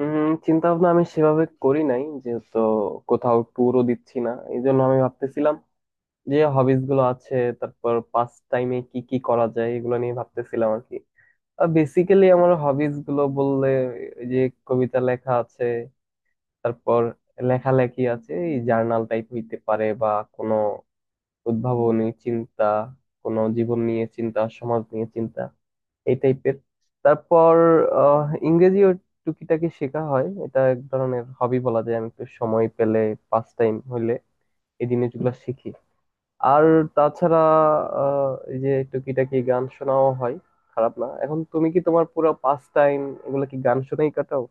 চিন্তা ভাবনা আমি সেভাবে করি নাই, যেহেতু কোথাও ট্যুরও দিচ্ছি না, এই জন্য আমি ভাবতেছিলাম যে হবিস গুলো আছে, তারপর পাস টাইমে কি কি করা যায় এগুলো নিয়ে ভাবতেছিলাম আর কি। আর বেসিক্যালি আমার হবিস গুলো বললে, এই যে কবিতা লেখা আছে, তারপর লেখালেখি আছে, এই জার্নাল টাইপ হইতে পারে বা কোনো উদ্ভাবনী চিন্তা, কোনো জীবন নিয়ে চিন্তা, সমাজ নিয়ে চিন্তা, এই টাইপের। তারপর আহ, ইংরেজিও টুকিটাকি শেখা হয়, এটা এক ধরনের হবি বলা যায়। আমি একটু সময় পেলে, পাস টাইম হইলে এই জিনিসগুলো শিখি। আর তাছাড়া এই যে টুকিটাকি গান শোনাও হয়, খারাপ না। এখন তুমি কি তোমার পুরো পাস টাইম এগুলো কি গান শুনেই কাটাও?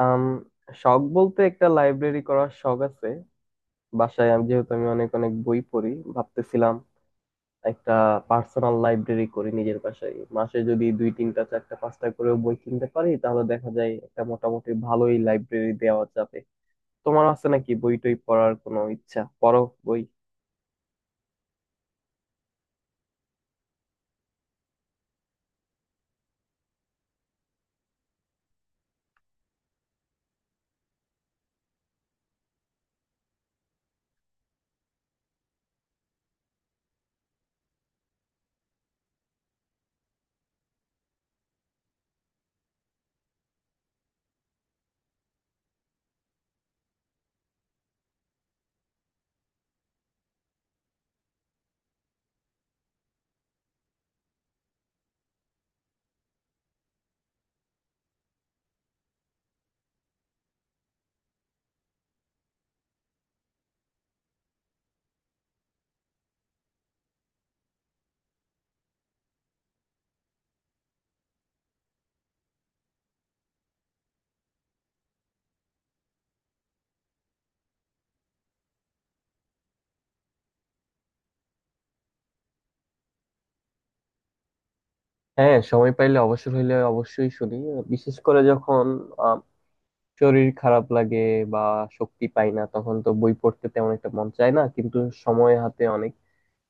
আম, শখ বলতে একটা লাইব্রেরি করার শখ আছে। বাসায় আমি যেহেতু আমি অনেক অনেক বই পড়ি, ভাবতেছিলাম একটা পার্সোনাল লাইব্রেরি করি নিজের বাসায়। মাসে যদি দুই তিনটা চারটা পাঁচটা করে বই কিনতে পারি, তাহলে দেখা যায় একটা মোটামুটি ভালোই লাইব্রেরি দেওয়া যাবে। তোমার আছে নাকি বই টই পড়ার কোনো ইচ্ছা? পড়ো বই? হ্যাঁ, সময় পাইলে অবসর হইলে অবশ্যই শুনি। বিশেষ করে যখন আম, শরীর খারাপ লাগে বা শক্তি পাই না, তখন তো বই পড়তে তেমন একটা মন চায় না, কিন্তু সময় হাতে অনেক।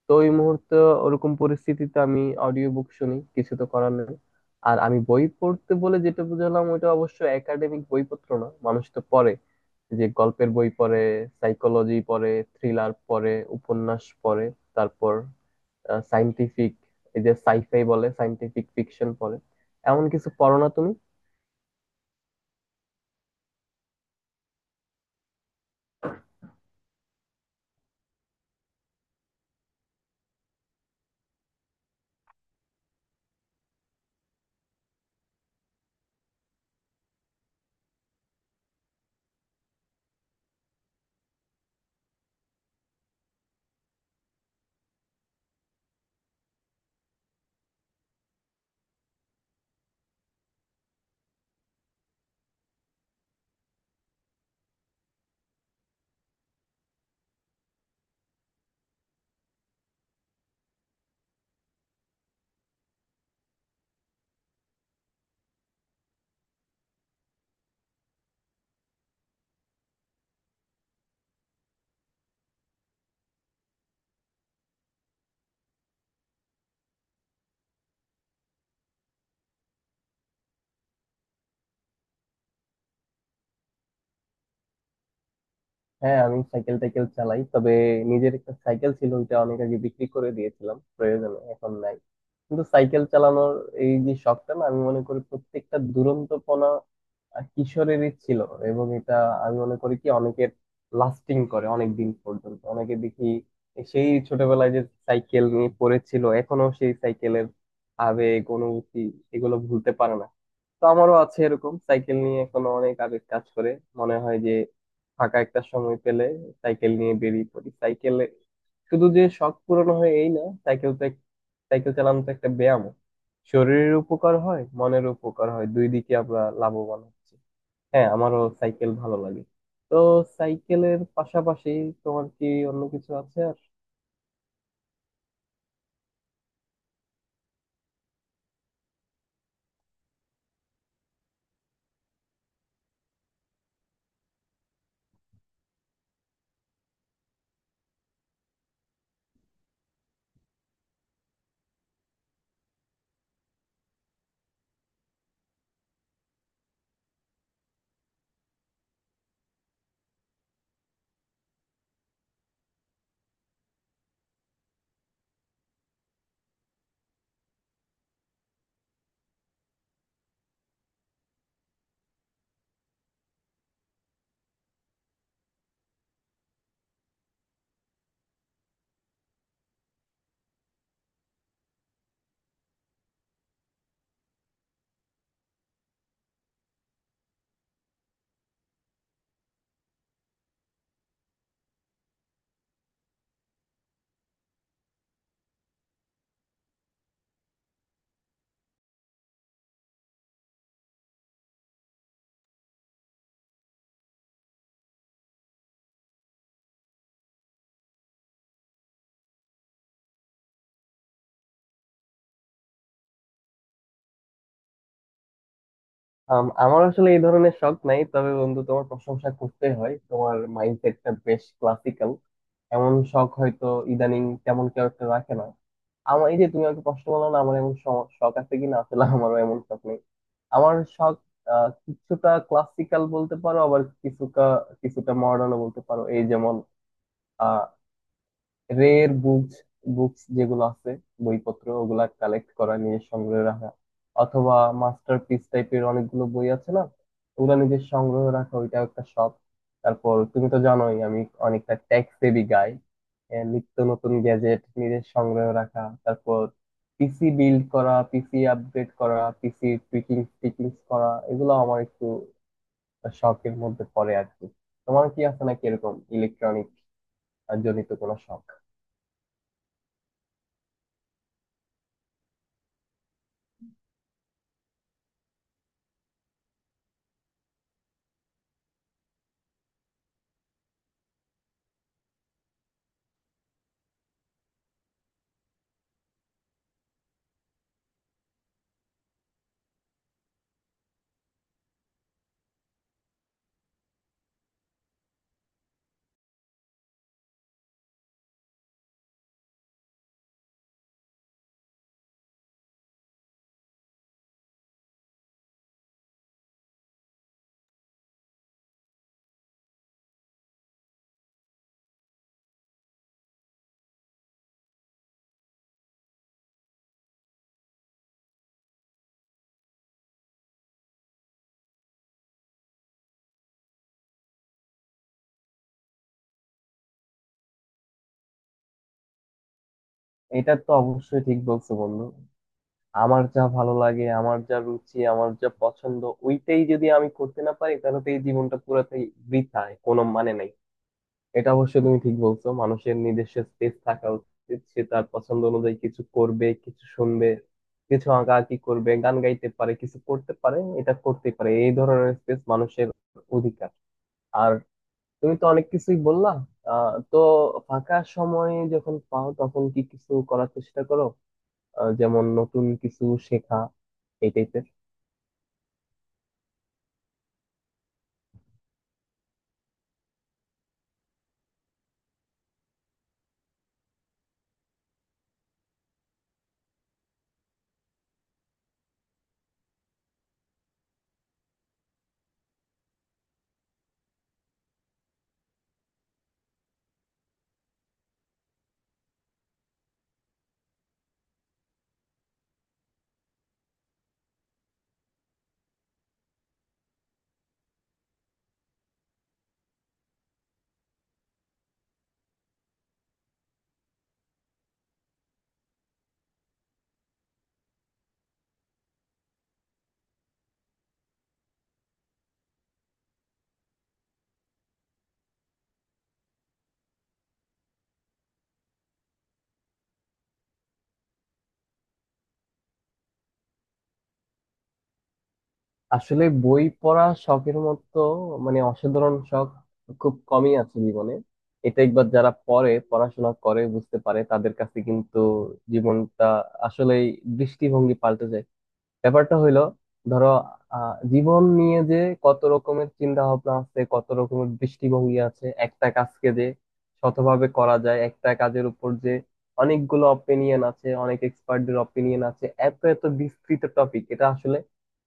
তো ওই মুহূর্তে, ওরকম পরিস্থিতিতে আমি অডিও বুক শুনি, কিছু তো করার নেই। আর আমি বই পড়তে বলে যেটা বুঝলাম ওইটা অবশ্য একাডেমিক বইপত্র না, মানুষ তো পড়ে, যে গল্পের বই পড়ে, সাইকোলজি পড়ে, থ্রিলার পড়ে, উপন্যাস পড়ে, তারপর সাইন্টিফিক, এই যে সাইফাই বলে সাইন্টিফিক ফিকশন পড়ে। এমন কিছু পড়ো না তুমি? হ্যাঁ, আমি সাইকেল টাইকেল চালাই, তবে নিজের একটা সাইকেল ছিল ওইটা অনেক আগে বিক্রি করে দিয়েছিলাম প্রয়োজনে, এখন নাই। কিন্তু সাইকেল চালানোর এই যে শখটা না, আমি মনে করি প্রত্যেকটা দুরন্তপনা কিশোরেরই ছিল, এবং এটা আমি মনে করি কি অনেকের লাস্টিং করে অনেক দিন পর্যন্ত। অনেকে দেখি সেই ছোটবেলায় যে সাইকেল নিয়ে পড়েছিল, এখনো সেই সাইকেলের আবেগ অনুভূতি এগুলো ভুলতে পারে না। তো আমারও আছে এরকম, সাইকেল নিয়ে এখনো অনেক আবেগ কাজ করে। মনে হয় যে ফাঁকা একটা সময় পেলে সাইকেল নিয়ে বেরিয়ে পড়ি সাইকেলে। শুধু যে শখ পূরণ হয় এই না, সাইকেল তো সাইকেল চালানো তো একটা ব্যায়াম। শরীরের উপকার হয়, মনের উপকার হয়, দুই দিকে আমরা লাভবান হচ্ছি। হ্যাঁ, আমারও সাইকেল ভালো লাগে। তো সাইকেলের পাশাপাশি তোমার কি অন্য কিছু আছে আর? আমার আসলে এই ধরনের শখ নাই, তবে বন্ধু তোমার প্রশংসা করতে হয়, তোমার মাইন্ডসেটটা বেশ ক্লাসিক্যাল। এমন শখ হয়তো ইদানিং তেমন কেউ একটা রাখে না। আমার এই যে তুমি আমাকে প্রশ্ন করলো না আমার এমন শখ আছে কিনা, আসলে আমারও এমন শখ নেই। আমার শখ কিছুটা ক্লাসিক্যাল বলতে পারো, আবার কিছুটা কিছুটা মডার্নও বলতে পারো। এই যেমন রের বুকস, বুকস যেগুলো আছে, বইপত্র ওগুলা কালেক্ট করা নিয়ে সংগ্রহে রাখা, অথবা মাস্টারপিস টাইপের অনেকগুলো বই আছে না, ওগুলা নিজের সংগ্রহে রাখা, ওইটাও একটা শখ। তারপর তুমি তো জানোই আমি অনেকটা টেক সেভি গাই, নিত্য নতুন গ্যাজেট নিজের সংগ্রহে রাখা, তারপর পিসি বিল্ড করা, পিসি আপগ্রেড করা, পিসি টুইকিং টিকিং করা, এগুলো আমার একটু শখের মধ্যে পড়ে আর কি। তোমার কি আছে নাকি এরকম ইলেকট্রনিক জনিত কোনো শখ? এটা তো অবশ্যই ঠিক বলছো বন্ধু। আমার যা ভালো লাগে, আমার যা রুচি, আমার যা পছন্দ, ওইটাই যদি আমি করতে না পারি, তাহলে তো এই জীবনটা পুরোটাই বৃথায়, কোনো মানে নাই। এটা অবশ্যই তুমি ঠিক বলছো, মানুষের নিজস্ব স্পেস থাকা উচিত, সে তার পছন্দ অনুযায়ী কিছু করবে, কিছু শুনবে, কিছু আঁকাআঁকি করবে, গান গাইতে পারে, কিছু করতে পারে, এটা করতে পারে, এই ধরনের স্পেস মানুষের অধিকার। আর তুমি তো অনেক কিছুই বললা। তো ফাঁকা সময় যখন পাও তখন কি কিছু করার চেষ্টা করো, যেমন নতুন কিছু শেখা, এই টাইপের? আসলে বই পড়া শখের মতো, মানে অসাধারণ শখ খুব কমই আছে জীবনে। এটা একবার যারা পড়ে, পড়াশোনা করে বুঝতে পারে, তাদের কাছে কিন্তু জীবনটা আসলেই দৃষ্টিভঙ্গি পাল্টে যায়। ব্যাপারটা হইলো, ধরো জীবন নিয়ে যে কত রকমের চিন্তা ভাবনা আছে, কত রকমের দৃষ্টিভঙ্গি আছে, একটা কাজকে যে শতভাবে করা যায়, একটা কাজের উপর যে অনেকগুলো অপিনিয়ন আছে, অনেক এক্সপার্টদের অপিনিয়ন আছে, এত এত বিস্তৃত টপিক, এটা আসলে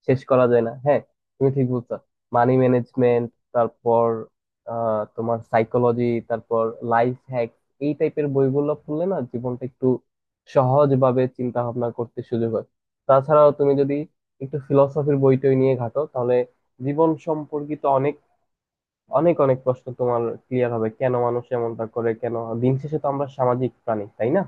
শেষ করা যায় না। হ্যাঁ, তুমি ঠিক বলছো। মানি ম্যানেজমেন্ট, তারপর আহ তোমার সাইকোলজি, তারপর লাইফ হ্যাক, এই টাইপের বইগুলো পড়লে না জীবনটা একটু সহজভাবে চিন্তা ভাবনা করতে সুযোগ হয়। তাছাড়াও তুমি যদি একটু ফিলসফির বইটই নিয়ে ঘাটো, তাহলে জীবন সম্পর্কিত অনেক অনেক অনেক প্রশ্ন তোমার ক্লিয়ার হবে, কেন মানুষ এমনটা করে, কেন। দিন শেষে তো আমরা সামাজিক প্রাণী, তাই না?